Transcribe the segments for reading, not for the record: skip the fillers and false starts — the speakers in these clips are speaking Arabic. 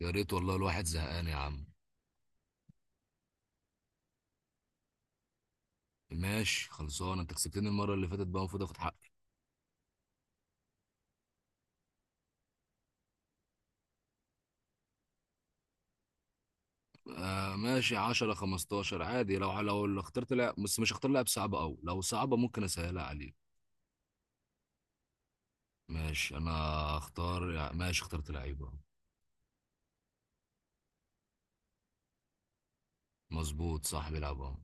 يا ريت والله الواحد زهقان يا عم. ماشي خلصان، انت كسبتني المرة اللي فاتت، بقى المفروض اخد حقي. آه ماشي، 10 15 عادي، لو اخترت لعب، بس مش هختار لعب صعب قوي، لو صعبة ممكن اسهلها عليك. ماشي انا اختار، ماشي اخترت لعيبة. مظبوط، صح، بيلعب اهو.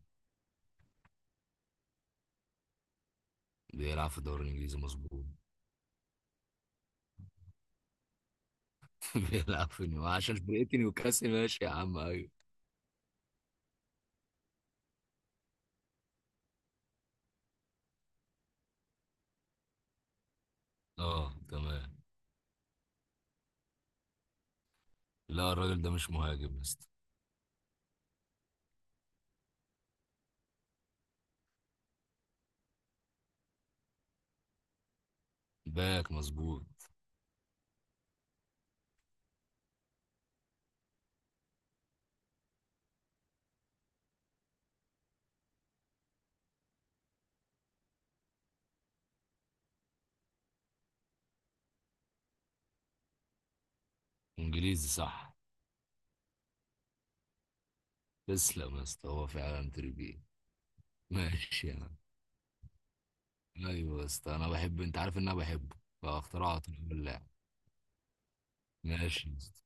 بيلعب في الدوري الانجليزي مظبوط. بيلعب في نيو، عشان فرقتي نيوكاسل، ماشي يا عم، ايوه. اه تمام. لا الراجل ده مش مهاجم يا اسطى. باك مظبوط. انجليزي صح. تسلم يا اسطى، هو فعلا تريبي. ماشي يا عم. ايوه يا اسطى، انا بحب، انت عارف ان انا بحبه، فاخترعت اللاعب. ماشي يا اسطى.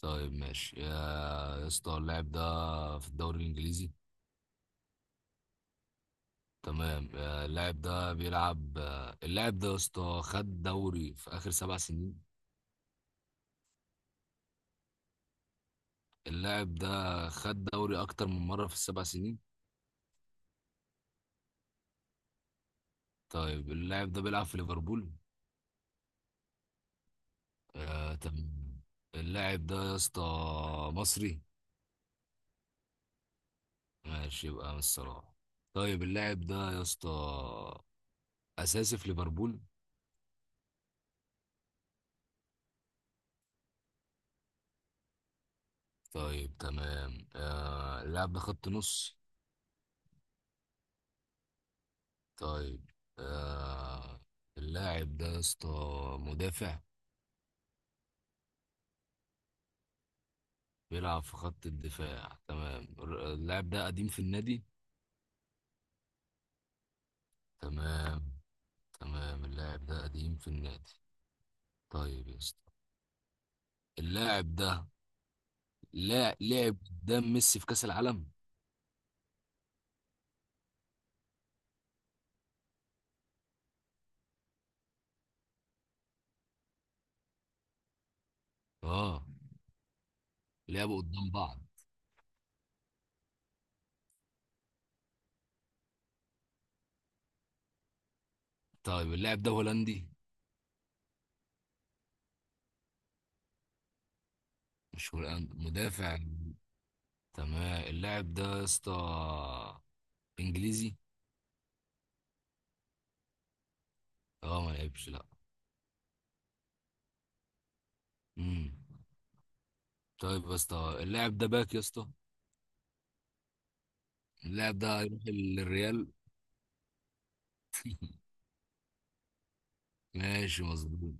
طيب ماشي يا اسطى، اللاعب ده في الدوري الانجليزي. تمام، اللاعب ده بيلعب، اللاعب ده يا اسطى خد دوري في اخر 7 سنين. اللاعب ده خد دوري اكتر من مره في ال7 سنين. طيب اللاعب ده بيلعب في ليفربول. آه تمام. اللاعب ده يا اسطى مصري. ماشي، يبقى من الصراحه. طيب اللاعب ده يا اسطى اساسي في ليفربول. طيب تمام. اللاعب ده خط نص. طيب. آه اللاعب ده يا اسطى مدافع. بيلعب في خط الدفاع تمام. اللاعب ده قديم في النادي. تمام. تمام اللاعب ده قديم في النادي. طيب يا اسطى، اللاعب ده لا لعب قدام ميسي في كأس العالم. اه لعبوا قدام بعض. طيب اللاعب ده هولندي. مش هولندي مدافع. تمام اللاعب ده يا اسطى انجليزي. اه ما لعبش لا. امم طيب يا اسطى، اللاعب ده باك يا اسطى. اللاعب ده هيروح للريال. ماشي مظبوط.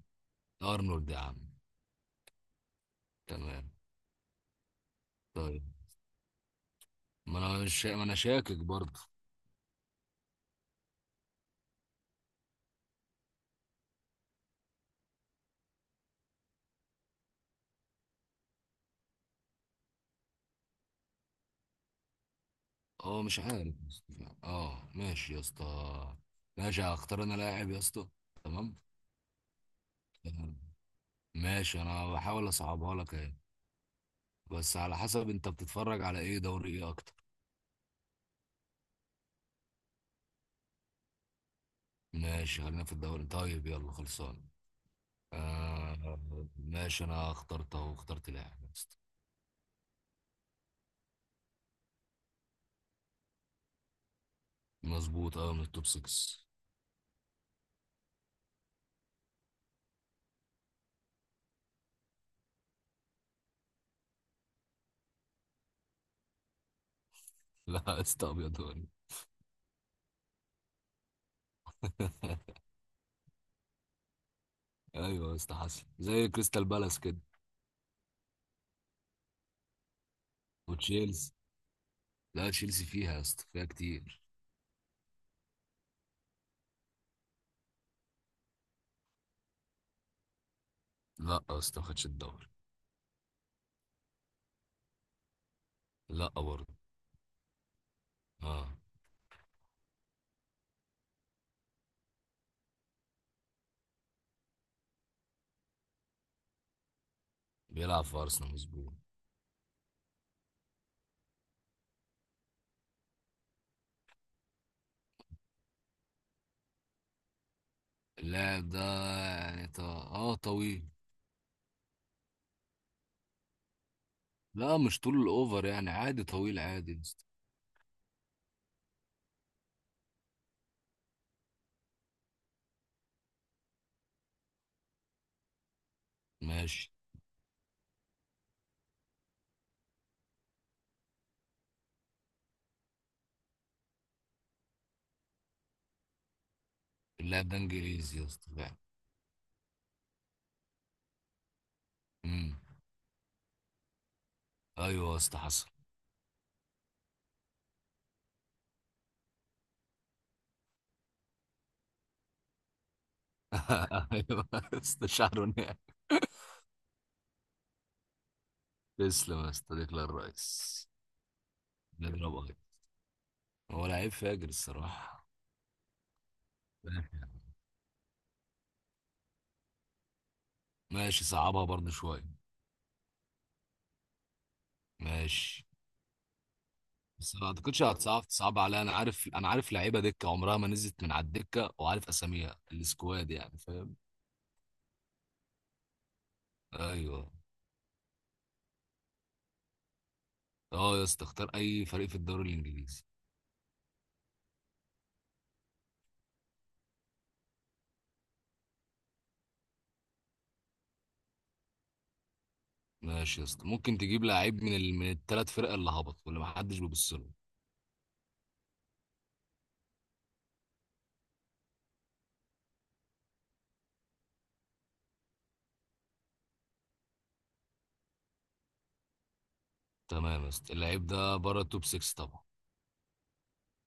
ارنولد يا عم. تمام. طيب ما انا شاكك برضه. اه مش عارف يا اسطى. اه ماشي يا اسطى. ماشي هختار انا لاعب يا اسطى. تمام. تمام. ماشي انا بحاول اصعبها لك اهي، بس على حسب انت بتتفرج على ايه، دوري ايه اكتر. ماشي خلينا في الدوري، طيب يلا خلصان. آه ماشي، انا اخترت اهو، اخترت لاعب يا اسطى. مظبوط اه من التوب 6. لا يا اسطى ابيض وأبيض. ايوه يا اسطى حصل، زي كريستال بالاس كده. وتشيلسي، لا تشيلسي فيها يا اسطى، فيها كتير. لا يا اسطى ما خدش الدوري. لا برضه. اه بيلعب في ارسنال مظبوط. اللاعب ده يعني اه طويل. لا مش طول الاوفر، يعني عادي، طويل عادي يا اسطى. ماشي. اللاعب ده انجليزي يا اسطى فعلا. امم ايوه يا اسطى حصل. ايوه استشعر ونعم. تسلم يا صديقي الرئيس. نضربها كده، هو لعيب فاجر الصراحة. ماشي صعبها برضه شوية. ماشي، بس ما اعتقدش هتصعب، تصعب عليها، انا عارف لعيبة دكة عمرها ما نزلت من على الدكة، وعارف اساميها، السكواد يعني، فاهم. ايوه. اه يا اسطى اختار اي فريق في الدوري الانجليزي. ماشي يا اسطى، ممكن تجيب لعيب من من الثلاث فرق اللي هبطوا واللي ما حدش بيبص له. تمام يا اسطى، اللعيب ده بره التوب 6 طبعا.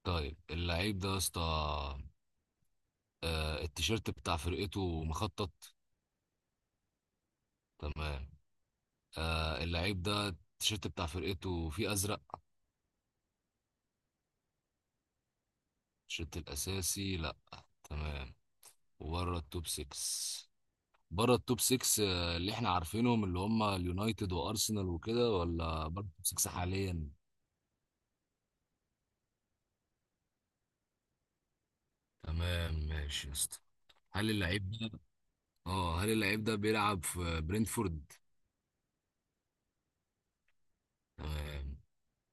طيب اللعيب ده يا اسطى، التيشيرت بتاع فرقته مخطط. تمام. اللعيب ده التيشيرت بتاع فرقته فيه ازرق. التيشيرت الاساسي لا. تمام. وبره التوب 6، بره التوب 6 اللي احنا عارفينهم اللي هم اليونايتد وارسنال وكده، ولا بره التوب 6 حاليا. تمام ماشي يا اسطى. هل اللعيب ده، اه هل اللعيب ده بيلعب في برينتفورد؟ تمام.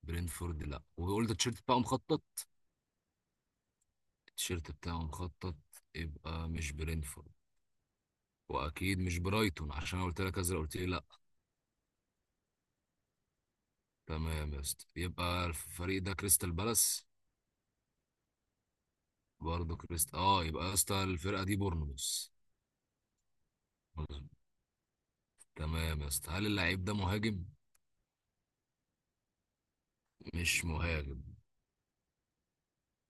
برينتفورد لا، وقلت التيشيرت بتاعه مخطط. التيشيرت بتاعه مخطط، يبقى مش برينفورد. واكيد مش برايتون، عشان أنا قلت لك ازرق قلت لي لا. تمام يا اسطى، يبقى الفريق ده كريستال بالاس. برضه كريست اه يبقى يا اسطى الفرقه دي بورنموث. تمام يا اسطى، هل اللعيب ده مهاجم؟ مش مهاجم.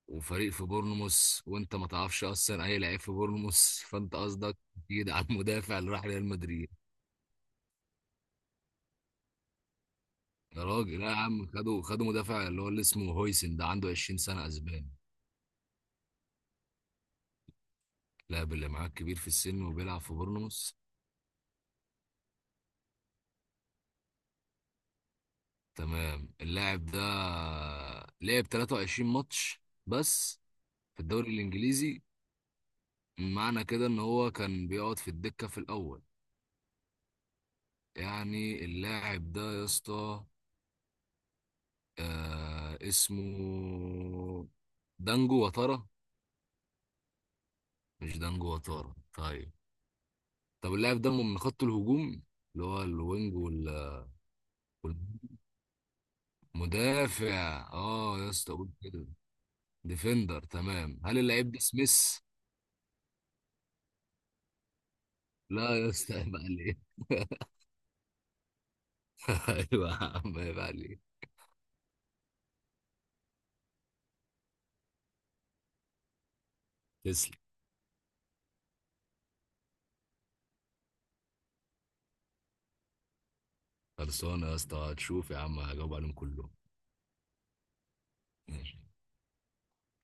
وفريق في بورنموث، وانت ما تعرفش اصلا اي لعيب في بورنموث، فانت قصدك اكيد على المدافع اللي راح ريال مدريد. يا راجل لا يا عم، خدوا مدافع اللي هو اللي اسمه هويسن ده، عنده 20 سنه، اسباني. اللاعب اللي معاك كبير في السن وبيلعب في بورنموث. تمام اللاعب ده لعب 23 ماتش بس في الدوري الإنجليزي، معنى كده إن هو كان بيقعد في الدكة في الأول. يعني اللاعب ده يا اسطى، اسمه دانجو وتارا. مش دانجو وتارا طيب. طب اللاعب ده من خط الهجوم، اللي هو الوينج والمدافع. اه يا اسطى قول كده، ديفندر. تمام. هل اللاعب ده سميث؟ لا يا اسطى عيب عليك. ايوه يا عم عيب عليك. تسلم. خلصانه يا اسطى، هتشوف يا عم هجاوب عليهم كلهم. ماشي